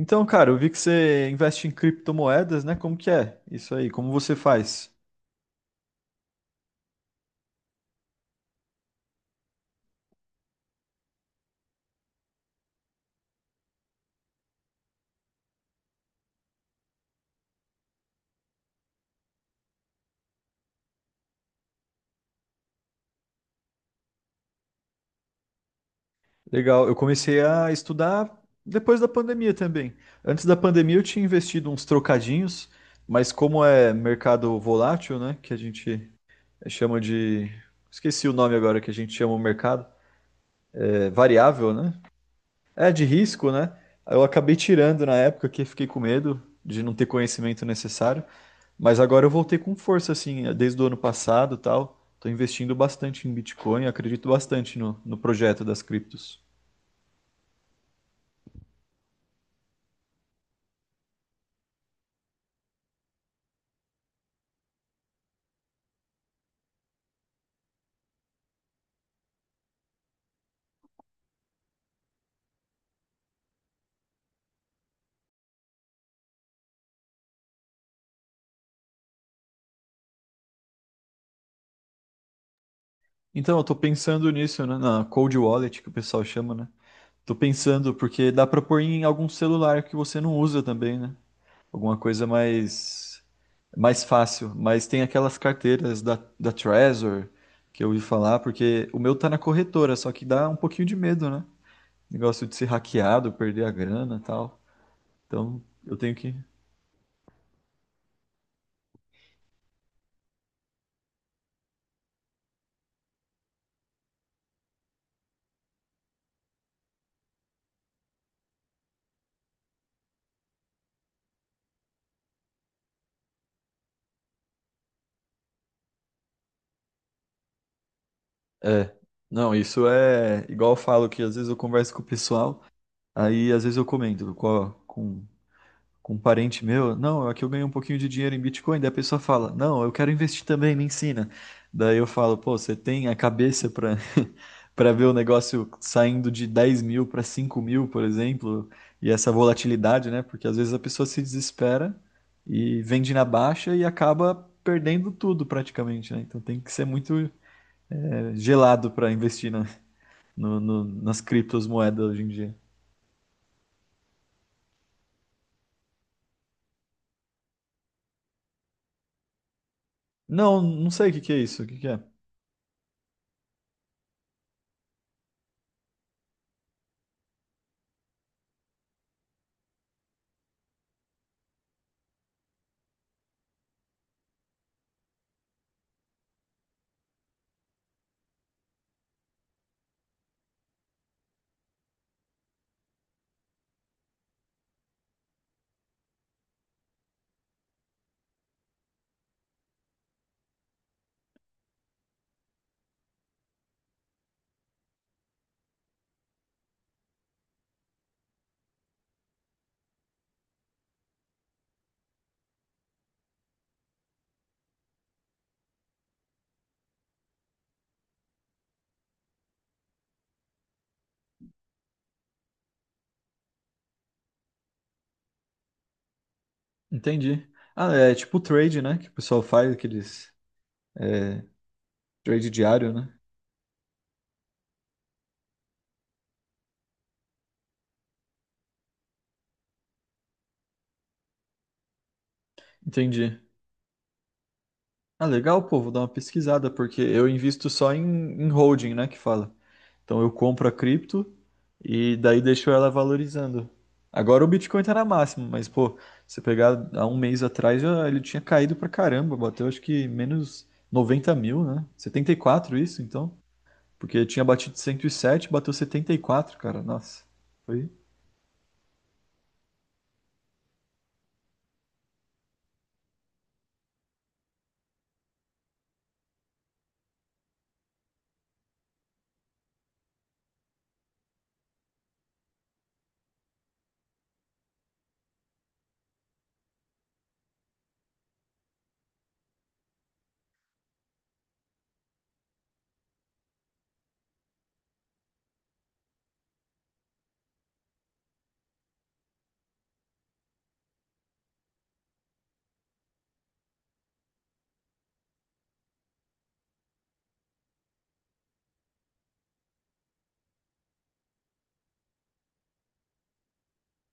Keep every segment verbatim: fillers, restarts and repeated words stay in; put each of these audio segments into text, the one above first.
Então, cara, eu vi que você investe em criptomoedas, né? Como que é isso aí? Como você faz? Legal, eu comecei a estudar depois da pandemia também. Antes da pandemia eu tinha investido uns trocadinhos, mas como é mercado volátil, né? Que a gente chama de... Esqueci o nome agora que a gente chama o mercado. É variável, né? É de risco, né? Eu acabei tirando na época que fiquei com medo de não ter conhecimento necessário. Mas agora eu voltei com força, assim, eh, desde o ano passado, e tal. Estou investindo bastante em Bitcoin, acredito bastante no, no projeto das criptos. Então, eu tô pensando nisso, né, na Cold Wallet, que o pessoal chama, né? Tô pensando, porque dá para pôr em algum celular que você não usa também, né? Alguma coisa mais, mais fácil. Mas tem aquelas carteiras da, da Trezor, que eu ouvi falar, porque o meu tá na corretora, só que dá um pouquinho de medo, né? Negócio de ser hackeado, perder a grana e tal. Então, eu tenho que. É, não, isso é igual eu falo que às vezes eu converso com o pessoal, aí às vezes eu comento com, a- com, com um parente meu, não, aqui eu ganhei um pouquinho de dinheiro em Bitcoin, daí a pessoa fala, não, eu quero investir também, me ensina. Daí eu falo, pô, você tem a cabeça para para ver o negócio saindo de dez mil para cinco mil, por exemplo, e essa volatilidade, né? Porque às vezes a pessoa se desespera e vende na baixa e acaba perdendo tudo praticamente, né? Então tem que ser muito eh, gelado para investir no- no- nas criptomoedas hoje em dia. Não, não sei o que que é isso. O que que é? Entendi. Ah, é tipo trade, né? Que o pessoal faz aqueles trade diário, né? Entendi. Ah, legal, pô, vou dar uma pesquisada, porque eu invisto só em, em holding, né? Que fala. Então eu compro a cripto e daí deixo ela valorizando. Agora o Bitcoin tá na máxima, mas, pô, se você pegar há um mês atrás, já ele tinha caído pra caramba, bateu acho que menos noventa mil, né? Setenta e quatro isso, então. Porque tinha batido cento e sete, bateu setenta e quatro, cara. Nossa. Foi.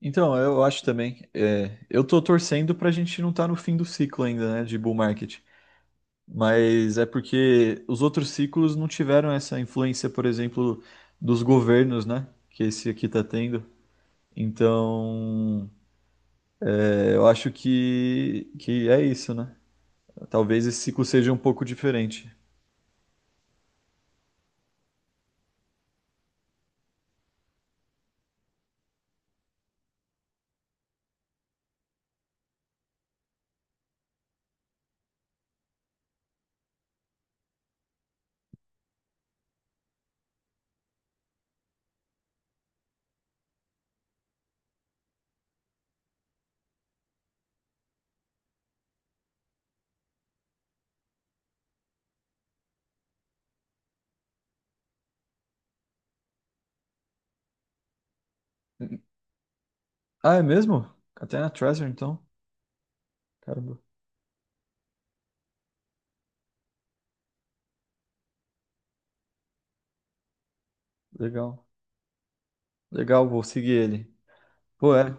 Então, eu acho também. É, eu tô torcendo pra gente não estar no fim do ciclo ainda, né, de bull market. Mas é porque os outros ciclos não tiveram essa influência, por exemplo, dos governos, né, que esse aqui tá tendo. Então, é, eu acho que, que é isso, né? Talvez esse ciclo seja um pouco diferente. Ah, é mesmo? Até na Treasure, então? Caramba, legal. Legal, vou seguir ele. Pô, é,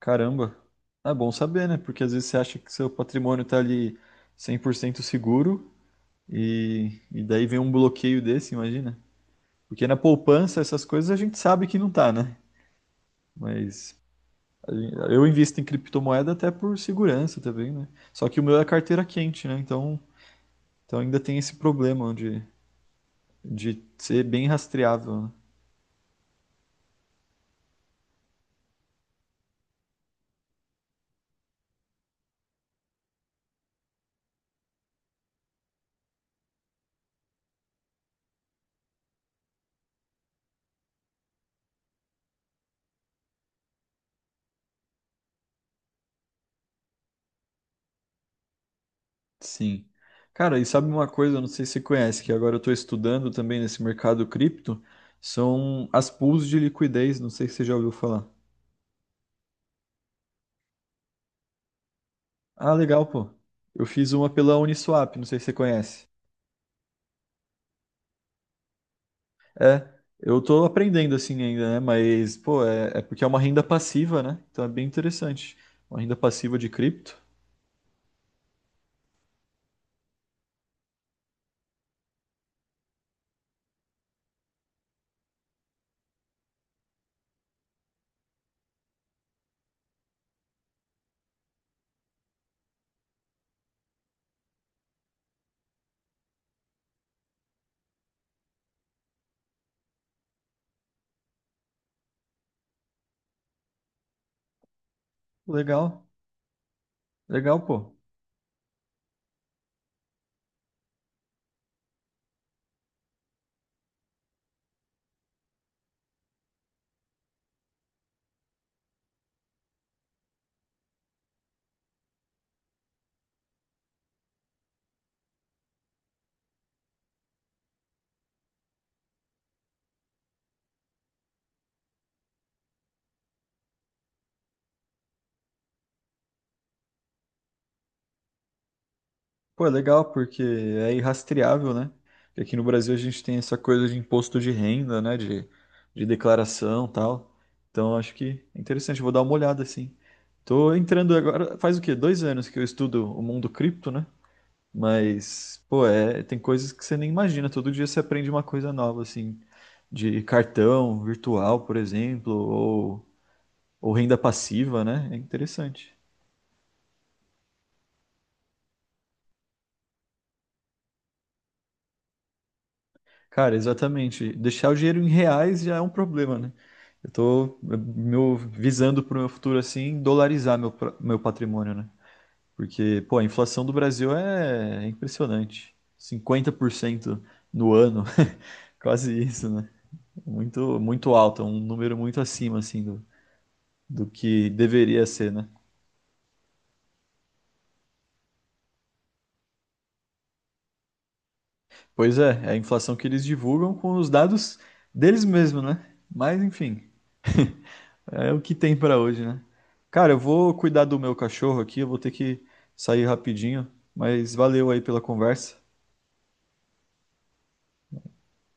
caramba. É bom saber, né? Porque às vezes você acha que seu patrimônio tá ali cem por cento seguro e, e daí vem um bloqueio desse, imagina. Porque na poupança, essas coisas a gente sabe que não tá, né? Mas a gen- eu invisto em criptomoeda até por segurança também, né? Só que o meu é carteira quente, né? Então, então ainda tem esse problema de, de ser bem rastreável, né? Sim. Cara, e sabe uma coisa, eu não sei se você conhece, que agora eu estou estudando também nesse mercado cripto, são as pools de liquidez, não sei se você já ouviu falar. Ah, legal, pô. Eu fiz uma pela Uniswap, não sei se você conhece. É, eu tô aprendendo assim ainda, né? Mas, pô, é, é porque é uma renda passiva, né? Então é bem interessante. Uma renda passiva de cripto. Legal, legal, pô. Pô, é legal porque é irrastreável, né? Porque aqui no Brasil a gente tem essa coisa de imposto de renda, né? De, de declaração e tal. Então acho que é interessante, vou dar uma olhada assim. Tô entrando agora, faz o quê? Dois anos que eu estudo o mundo cripto, né? Mas, pô, é, tem coisas que você nem imagina. Todo dia você aprende uma coisa nova, assim, de cartão virtual, por exemplo, ou, ou renda passiva, né? É interessante. Cara, exatamente. Deixar o dinheiro em reais já é um problema, né? Eu tô eh, meu, visando pro meu futuro assim, dolarizar meu, pra- meu patrimônio, né? Porque, pô, a inflação do Brasil é é impressionante. Cinquenta por cento no ano, quase isso, né? Muito, muito alta, um número muito acima, assim, do, do que deveria ser, né? Pois é, é a inflação que eles divulgam com os dados deles mesmos, né? Mas, enfim, é o que tem pra hoje, né? Cara, eu vou cuidar do meu cachorro aqui, eu vou ter que sair rapidinho, mas valeu aí pela conversa.